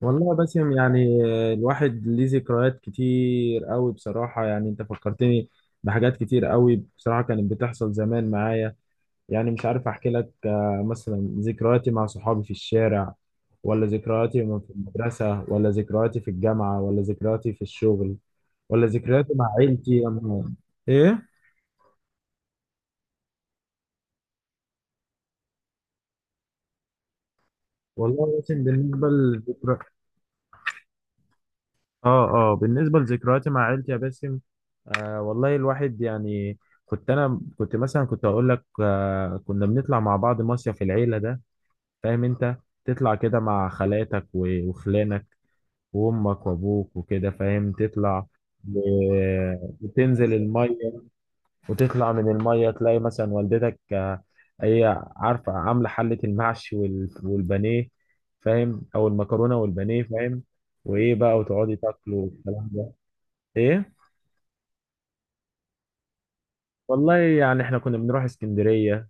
والله يا باسم يعني الواحد ليه ذكريات كتير قوي بصراحة. يعني انت فكرتني بحاجات كتير قوي بصراحة كانت بتحصل زمان معايا. يعني مش عارف احكي لك، مثلا ذكرياتي مع صحابي في الشارع، ولا ذكرياتي وأنا في المدرسة، ولا ذكرياتي في الجامعة، ولا ذكرياتي في الشغل، ولا ذكرياتي مع عيلتي. أما ايه، والله يا باسم بالنسبة للذكريات، اه، اه، بالنسبة لذكرياتي مع عيلتي يا باسم، والله الواحد يعني كنت انا مثلا كنت اقول لك آه، كنا بنطلع مع بعض مصيف العيلة ده، فاهم انت؟ تطلع كده مع خالاتك وخلانك وامك وابوك وكده، فاهم؟ تطلع وتنزل المية، وتطلع من المية تلاقي مثلا والدتك آه، هي عارفة عاملة حلة المحشي والبانيه، فاهم؟ او المكرونة والبانيه، فاهم؟ وايه بقى، وتقعدي تاكلوا والكلام ده. ايه، والله يعني احنا كنا بنروح اسكندرية،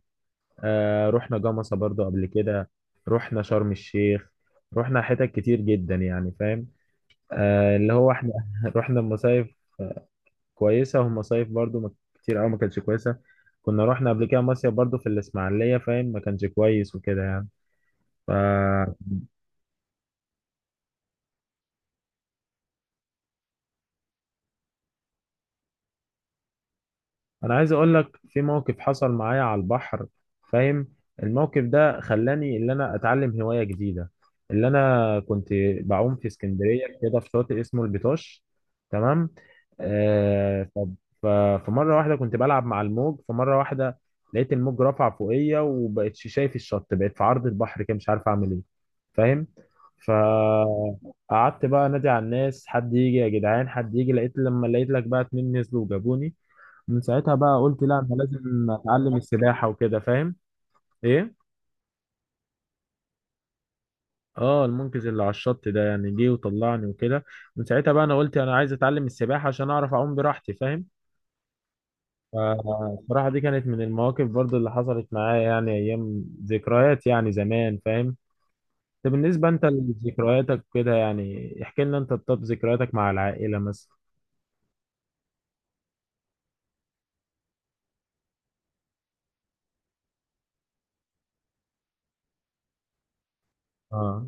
آه رحنا جمصة برضو قبل كده، رحنا شرم الشيخ، رحنا حتت كتير جدا يعني، فاهم؟ آه اللي هو احنا رحنا مصايف كويسة، ومصايف برضو ما كتير أوي ما كانتش كويسة. كنا رحنا قبل كده مصيف برضو في الإسماعيلية، فاهم، ما كانش كويس وكده يعني. انا عايز اقول لك في موقف حصل معايا على البحر، فاهم؟ الموقف ده خلاني ان انا اتعلم هواية جديدة. اللي انا كنت بعوم في اسكندرية كده في شاطئ اسمه البيطاش، تمام؟ آه، ف... فمرة واحدة كنت بلعب مع الموج. فمرة واحدة، لقيت الموج رفع فوقيا وبقتش شايف الشط، بقيت في عرض البحر كده مش عارف اعمل ايه، فاهم؟ فقعدت بقى انادي على الناس، حد يجي يا جدعان، حد يجي، لقيت لقيت لك بقى اتنين نزلوا وجابوني. من ساعتها بقى قلت لا، انا لازم اتعلم السباحه وكده، فاهم؟ ايه، اه المنقذ اللي على الشط ده يعني جه وطلعني وكده. من ساعتها بقى انا قلت انا عايز اتعلم السباحه عشان اعرف اعوم براحتي، فاهم؟ فالصراحه دي كانت من المواقف برضو اللي حصلت معايا، يعني ايام ذكريات يعني زمان، فاهم؟ طب بالنسبه انت لذكرياتك كده، يعني احكي لنا انت، طب ذكرياتك مع العائله مثلا. اه،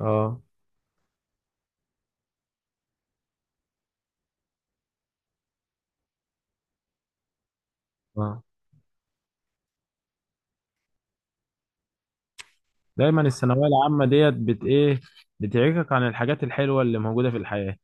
اه، اه، دايما الثانويه العامه ديت بت ايه، بتعيقك عن الحاجات الحلوه اللي موجوده في الحياه.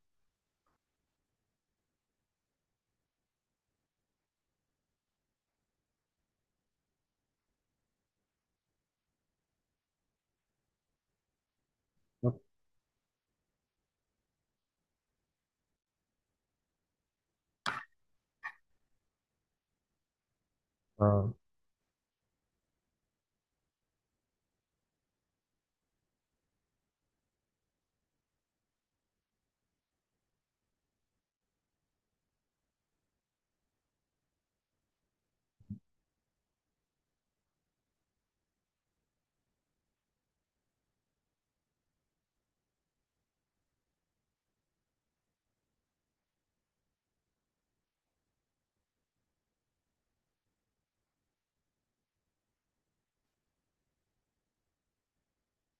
اه،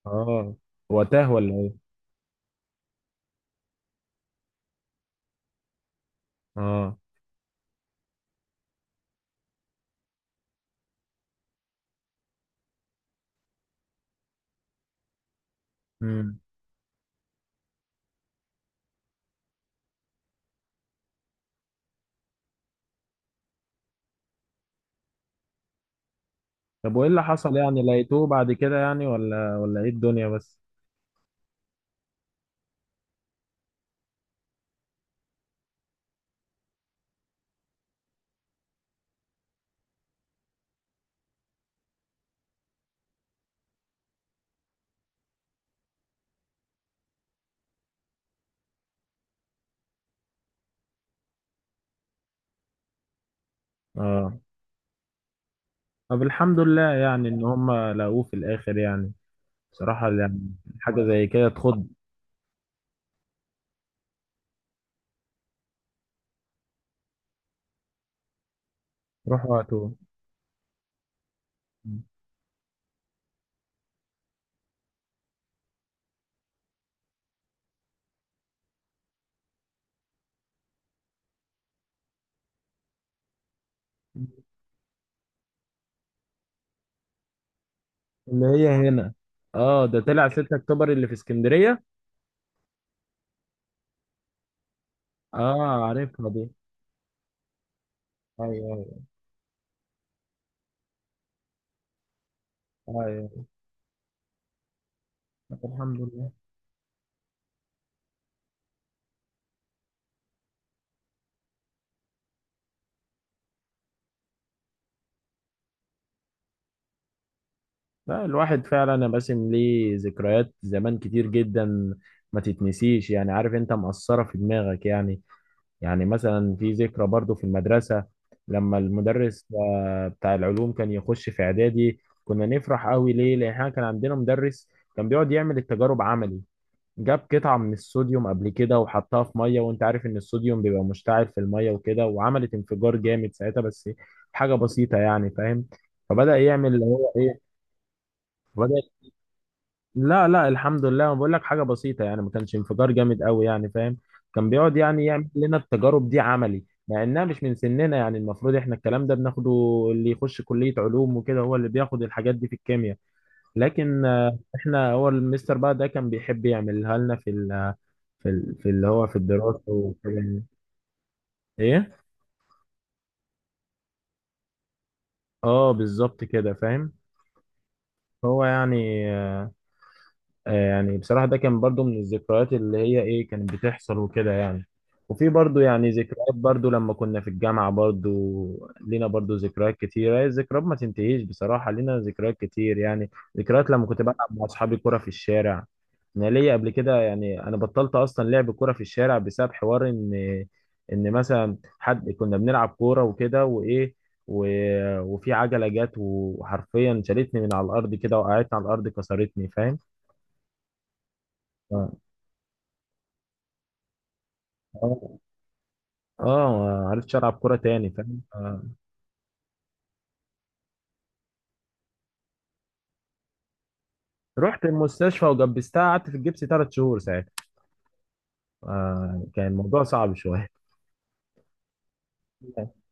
اه، وتاه ولا ايه؟ اه. امم. طب وايه اللي حصل يعني، لقيتوه بعد كده يعني ولا ايه الدنيا بس؟ اه، طب الحمد لله يعني ان هم لقوه في الاخر يعني، بصراحة يعني حاجة زي كده تخض. روحوا هاتوه. اللي هي هنا؟ اه ده طلع 6 اكتوبر اللي في اسكندرية. اه عارفها دي. ايوه، ايوه، أيوة. طب الحمد لله. لا، الواحد فعلا يا باسم ليه ذكريات زمان كتير جدا ما تتنسيش يعني، عارف انت، مأثرة في دماغك يعني. يعني مثلا في ذكرى برضو في المدرسة، لما المدرس بتاع العلوم كان يخش في اعدادي كنا نفرح قوي ليه، لان احنا كان عندنا مدرس كان بيقعد يعمل التجارب عملي. جاب قطعة من الصوديوم قبل كده وحطها في مية، وانت عارف ان الصوديوم بيبقى مشتعل في المية وكده، وعملت انفجار جامد ساعتها، بس حاجة بسيطة يعني، فاهم؟ فبدأ يعمل اللي هو ايه، بدأ، لا لا الحمد لله انا بقول لك حاجه بسيطه يعني، ما كانش انفجار جامد قوي يعني، فاهم؟ كان بيقعد يعني يعمل لنا التجارب دي عملي، مع انها مش من سننا يعني، المفروض احنا الكلام ده بناخده اللي يخش كليه علوم وكده، هو اللي بياخد الحاجات دي في الكيمياء، لكن احنا هو المستر بقى ده كان بيحب يعملها لنا في ال في اللي هو في الدراسه وكده يعني. ايه، اه بالظبط كده، فاهم؟ هو يعني يعني بصراحة ده كان برضو من الذكريات اللي هي ايه، كانت بتحصل وكده يعني. وفي برضو يعني ذكريات برضو لما كنا في الجامعة، برضو لينا برضو ذكريات كتيرة، هي الذكريات ما تنتهيش بصراحة، لينا ذكريات كتير يعني. ذكريات لما كنت بلعب مع أصحابي كرة في الشارع. أنا ليا قبل كده يعني، أنا بطلت أصلا لعب كرة في الشارع بسبب حوار إن، مثلا حد كنا بنلعب كورة وكده، وإيه، و... وفي عجلة جت وحرفيا شالتني من على الأرض كده، وقعدتني على الأرض كسرتني، فاهم؟ اه، اه، ما عرفتش العب كوره تاني، فاهم آه. رحت المستشفى وجبستها، قعدت في الجبس 3 شهور ساعتها، آه. كان الموضوع صعب شويه.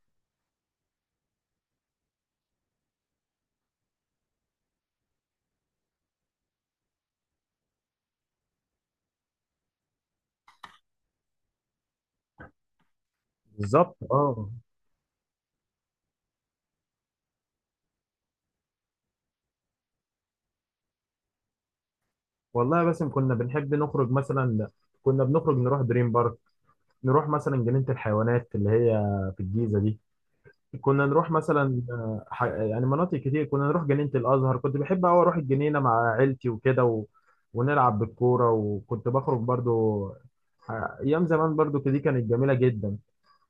بالظبط اه. والله بس كنا بنحب نخرج مثلا، كنا بنخرج نروح دريم بارك، نروح مثلا جنينة الحيوانات اللي هي في الجيزة دي، كنا نروح مثلا آه، يعني مناطق كتير، كنا نروح جنينة الأزهر، كنت بحب أوي أروح الجنينة مع عيلتي وكده، و... ونلعب بالكورة، وكنت بخرج برضو آه، أيام زمان برضو دي كانت جميلة جدا.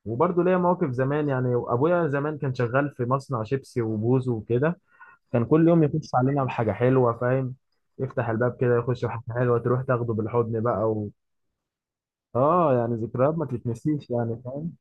وبرضه ليا مواقف زمان، يعني ابويا زمان كان شغال في مصنع شيبسي وبوز وكده، كان كل يوم يخش علينا بحاجه حلوه، فاهم؟ يفتح الباب كده يخش بحاجه حلوه، تروح تاخده بالحضن بقى و... اه يعني ذكريات ما تتنسيش يعني، فاهم؟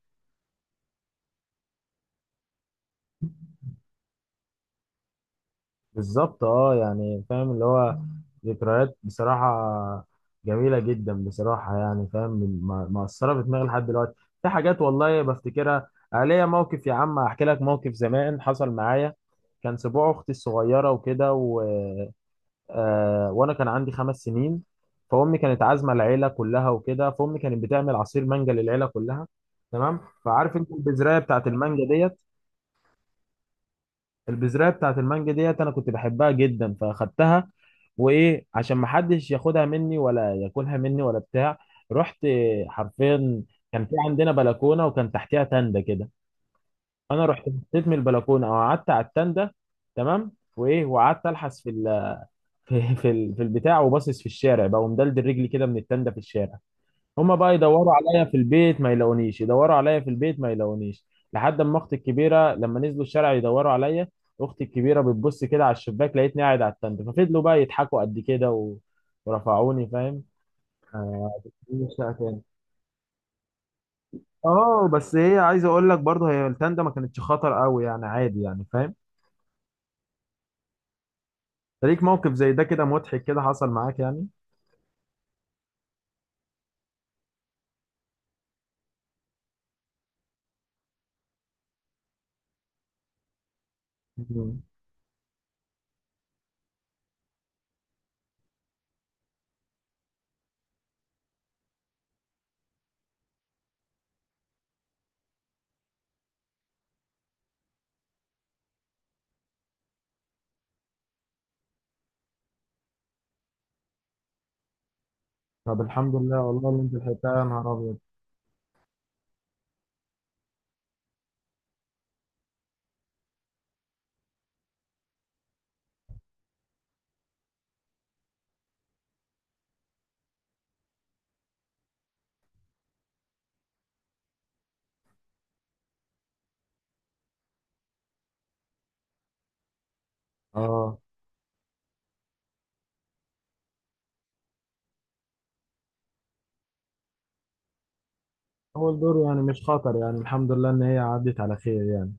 بالظبط اه، يعني فاهم اللي هو ذكريات بصراحه جميله جدا بصراحه، يعني فاهم، مأثره في دماغي لحد دلوقتي، في حاجات والله بفتكرها. آه، ليا موقف يا عم، احكي لك موقف زمان حصل معايا. كان سبوع اختي الصغيره وكده، و آه، وانا كان عندي 5 سنين، فامي كانت عازمه العيله كلها وكده، فامي كانت بتعمل عصير مانجا للعيله كلها، تمام؟ فعارف انت البذرايه بتاعت المانجا ديت؟ البذرايه بتاعت المانجا ديت انا كنت بحبها جدا، فاخدتها وايه عشان ما حدش ياخدها مني ولا ياكلها مني ولا بتاع. رحت آه، حرفيا كان في عندنا بلكونه، وكان تحتها تندة كده، انا رحت نطيت من البلكونه او قعدت على التندة، تمام. وايه وقعدت الحس في في في في البتاع، وباصص في الشارع بقى ومدلدل رجلي كده من التندة في الشارع. هما بقى يدوروا عليا في البيت ما يلاقونيش، يدوروا عليا في البيت ما يلاقونيش، لحد ما اختي الكبيرة لما نزلوا الشارع يدوروا عليا، اختي الكبيرة بتبص كده على الشباك لقيتني قاعد على التندة. ففضلوا بقى يضحكوا قد كده و... ورفعوني، فاهم؟ مش تاني. اه بس هي عايز اقول لك برضه هي التندة ما كانتش خطر قوي يعني، عادي يعني، فاهم؟ فليك موقف زي ده كده مضحك كده حصل معاك يعني؟ مم. طب الحمد لله والله اللي انت لحقتها، يا نهار ابيض. اه، اول دور يعني مش خطر يعني، الحمد لله ان هي عدت على خير يعني.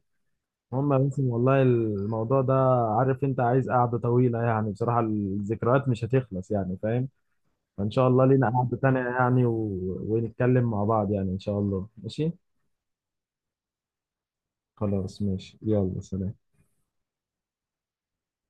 المهم يا باسم والله الموضوع ده، عارف انت، عايز قعدة طويلة يعني، بصراحة الذكريات مش هتخلص يعني، فاهم؟ فان شاء الله لينا قعدة تانية يعني، و... ونتكلم مع بعض يعني، ان شاء الله ماشي. خلاص ماشي، يلا سلام.